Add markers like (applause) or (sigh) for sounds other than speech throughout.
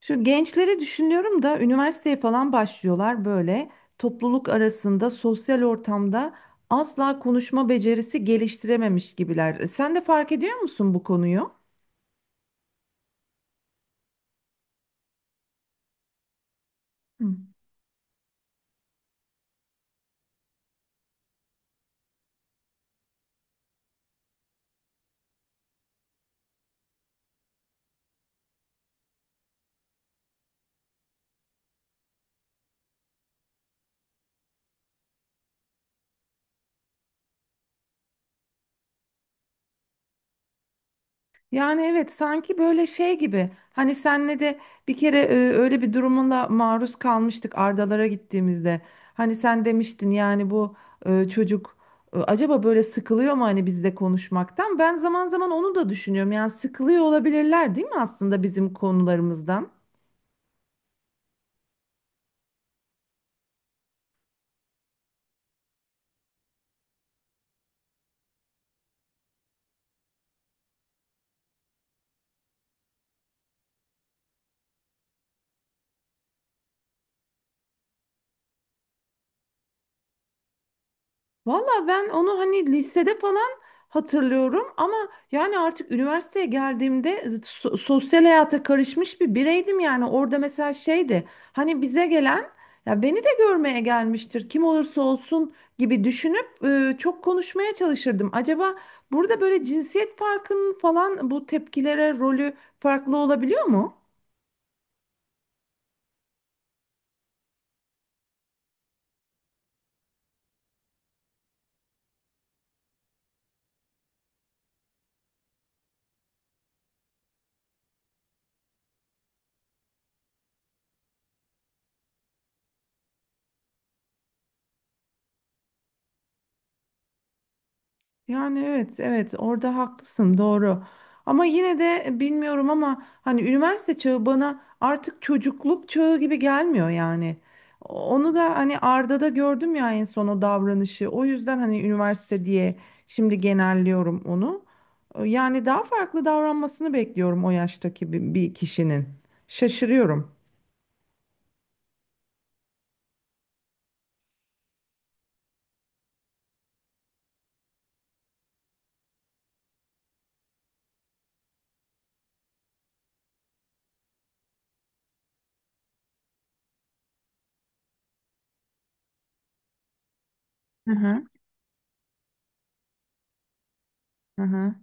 Şu gençleri düşünüyorum da üniversiteye falan başlıyorlar böyle topluluk arasında sosyal ortamda asla konuşma becerisi geliştirememiş gibiler. Sen de fark ediyor musun bu konuyu? Hı. Yani evet, sanki böyle şey gibi, hani senle de bir kere öyle bir durumla maruz kalmıştık Ardalara gittiğimizde. Hani sen demiştin yani bu çocuk acaba böyle sıkılıyor mu hani bizle konuşmaktan? Ben zaman zaman onu da düşünüyorum, yani sıkılıyor olabilirler değil mi aslında bizim konularımızdan? Valla ben onu hani lisede falan hatırlıyorum ama yani artık üniversiteye geldiğimde sosyal hayata karışmış bir bireydim, yani orada mesela şeydi, hani bize gelen ya beni de görmeye gelmiştir, kim olursa olsun, gibi düşünüp çok konuşmaya çalışırdım. Acaba burada böyle cinsiyet farkının falan bu tepkilere rolü farklı olabiliyor mu? Yani evet evet, orada haklısın, doğru. Ama yine de bilmiyorum ama hani üniversite çağı bana artık çocukluk çağı gibi gelmiyor yani. Onu da hani Arda'da gördüm ya en son o davranışı. O yüzden hani üniversite diye şimdi genelliyorum onu. Yani daha farklı davranmasını bekliyorum o yaştaki bir kişinin. Şaşırıyorum. Hı hı. Hı hı.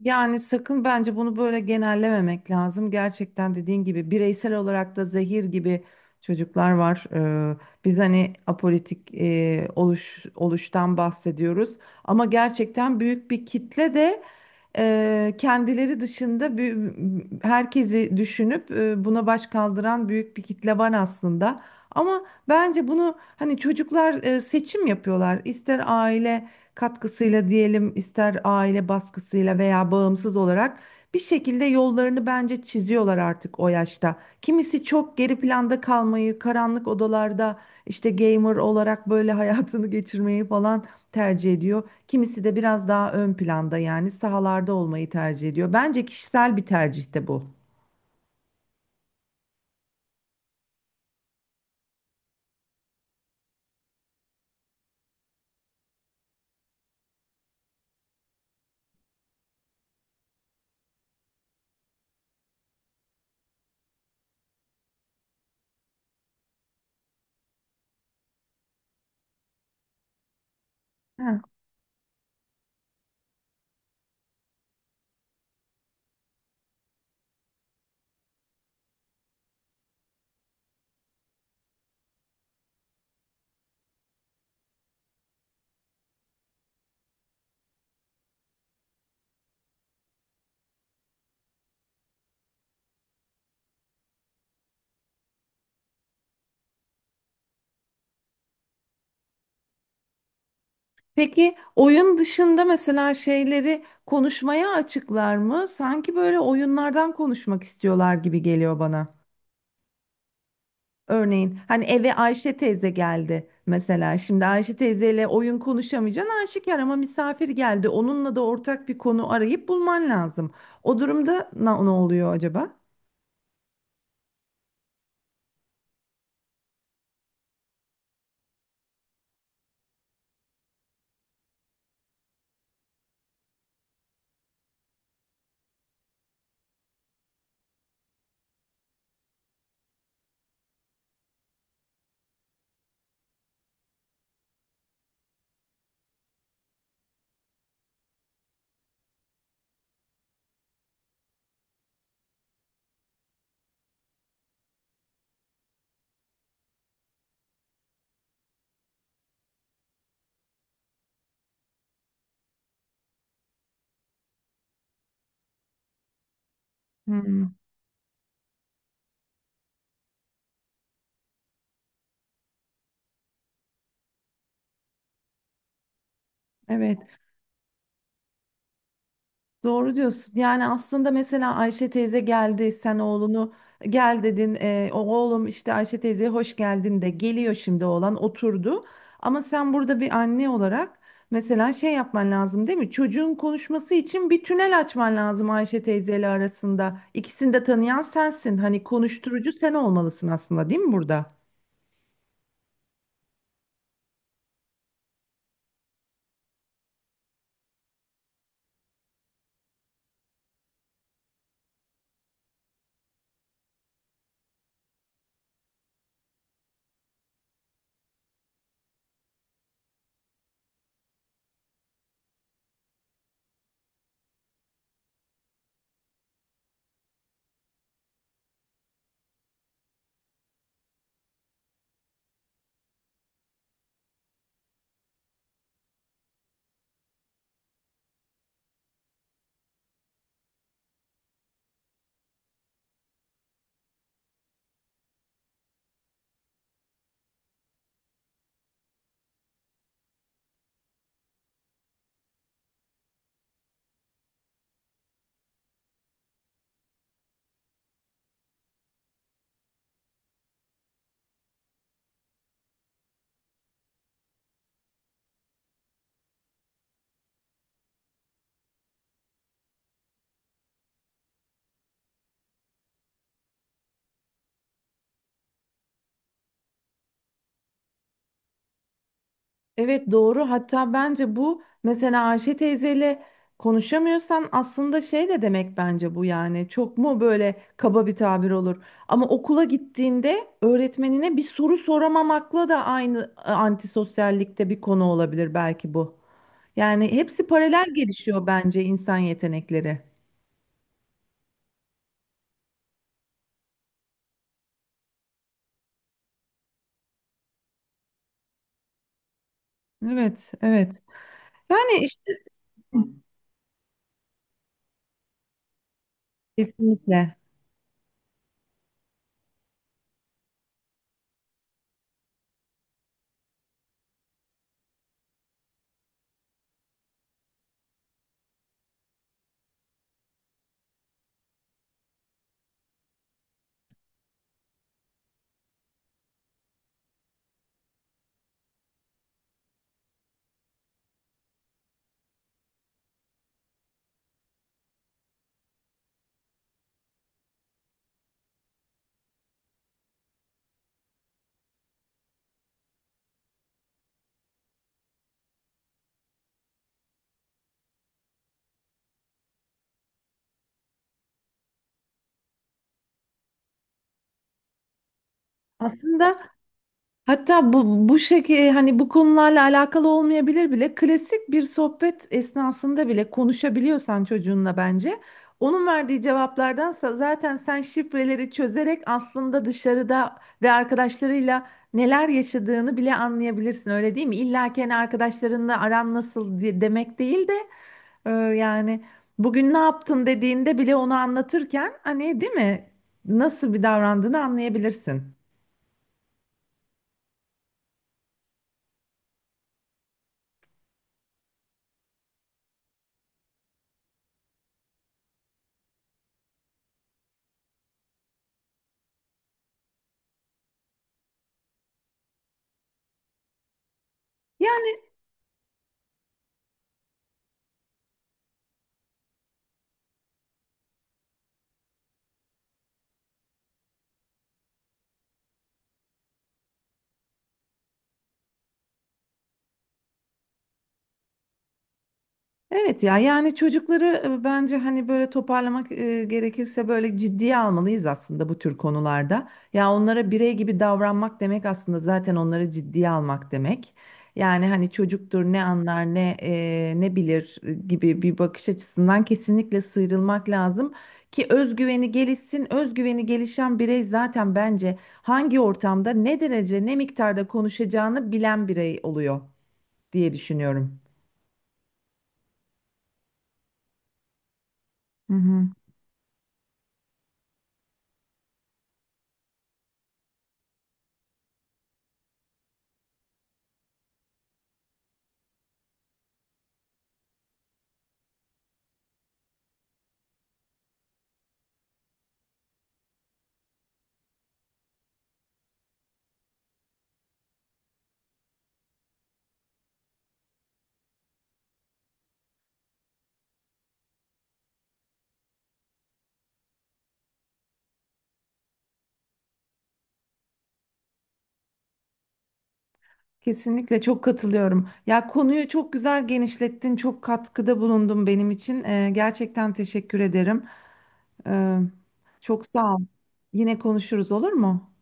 Yani sakın bence bunu böyle genellememek lazım. Gerçekten dediğin gibi bireysel olarak da zehir gibi çocuklar var. Ee, Biz hani apolitik oluştan bahsediyoruz. Ama gerçekten büyük bir kitle de kendileri dışında herkesi düşünüp buna baş kaldıran büyük bir kitle var aslında. Ama bence bunu hani çocuklar seçim yapıyorlar. İster aile katkısıyla diyelim, ister aile baskısıyla veya bağımsız olarak bir şekilde yollarını bence çiziyorlar artık o yaşta. Kimisi çok geri planda kalmayı, karanlık odalarda işte gamer olarak böyle (laughs) hayatını geçirmeyi falan tercih ediyor. Kimisi de biraz daha ön planda, yani sahalarda olmayı tercih ediyor. Bence kişisel bir tercih de bu. Ha. Peki oyun dışında mesela şeyleri konuşmaya açıklar mı? Sanki böyle oyunlardan konuşmak istiyorlar gibi geliyor bana. Örneğin hani eve Ayşe teyze geldi mesela. Şimdi Ayşe teyzeyle oyun konuşamayacaksın aşikar, ama misafir geldi. Onunla da ortak bir konu arayıp bulman lazım. O durumda ne oluyor acaba? Hmm, evet. Doğru diyorsun. Yani aslında mesela Ayşe teyze geldi, sen oğlunu gel dedin. O oğlum işte Ayşe teyzeye hoş geldin de geliyor, şimdi oğlan oturdu. Ama sen burada bir anne olarak mesela şey yapman lazım değil mi? Çocuğun konuşması için bir tünel açman lazım Ayşe teyzeyle arasında. İkisini de tanıyan sensin. Hani konuşturucu sen olmalısın aslında değil mi burada? Evet, doğru. Hatta bence bu mesela Ayşe teyzeyle konuşamıyorsan aslında şey de demek bence bu, yani. Çok mu böyle kaba bir tabir olur. Ama okula gittiğinde öğretmenine bir soru soramamakla da aynı antisosyallikte bir konu olabilir belki bu. Yani hepsi paralel gelişiyor bence insan yetenekleri. Evet, evet. Yani işte kesinlikle. Aslında hatta bu şekilde hani bu konularla alakalı olmayabilir bile, klasik bir sohbet esnasında bile konuşabiliyorsan çocuğunla, bence onun verdiği cevaplardansa zaten sen şifreleri çözerek aslında dışarıda ve arkadaşlarıyla neler yaşadığını bile anlayabilirsin öyle değil mi? İlla ki hani arkadaşlarınla aran nasıl diye demek değil de e, yani bugün ne yaptın dediğinde bile onu anlatırken, hani değil mi? Nasıl bir davrandığını anlayabilirsin. Yani evet ya, yani çocukları bence hani böyle toparlamak gerekirse böyle ciddiye almalıyız aslında bu tür konularda. Ya onlara birey gibi davranmak demek aslında zaten onları ciddiye almak demek. Yani hani çocuktur ne anlar ne ne bilir gibi bir bakış açısından kesinlikle sıyrılmak lazım ki özgüveni gelişsin. Özgüveni gelişen birey zaten bence hangi ortamda ne derece ne miktarda konuşacağını bilen birey oluyor diye düşünüyorum. Hı hı. Kesinlikle çok katılıyorum. Ya konuyu çok güzel genişlettin, çok katkıda bulundun benim için. Gerçekten teşekkür ederim. Ee, Çok sağ ol. Yine konuşuruz olur mu?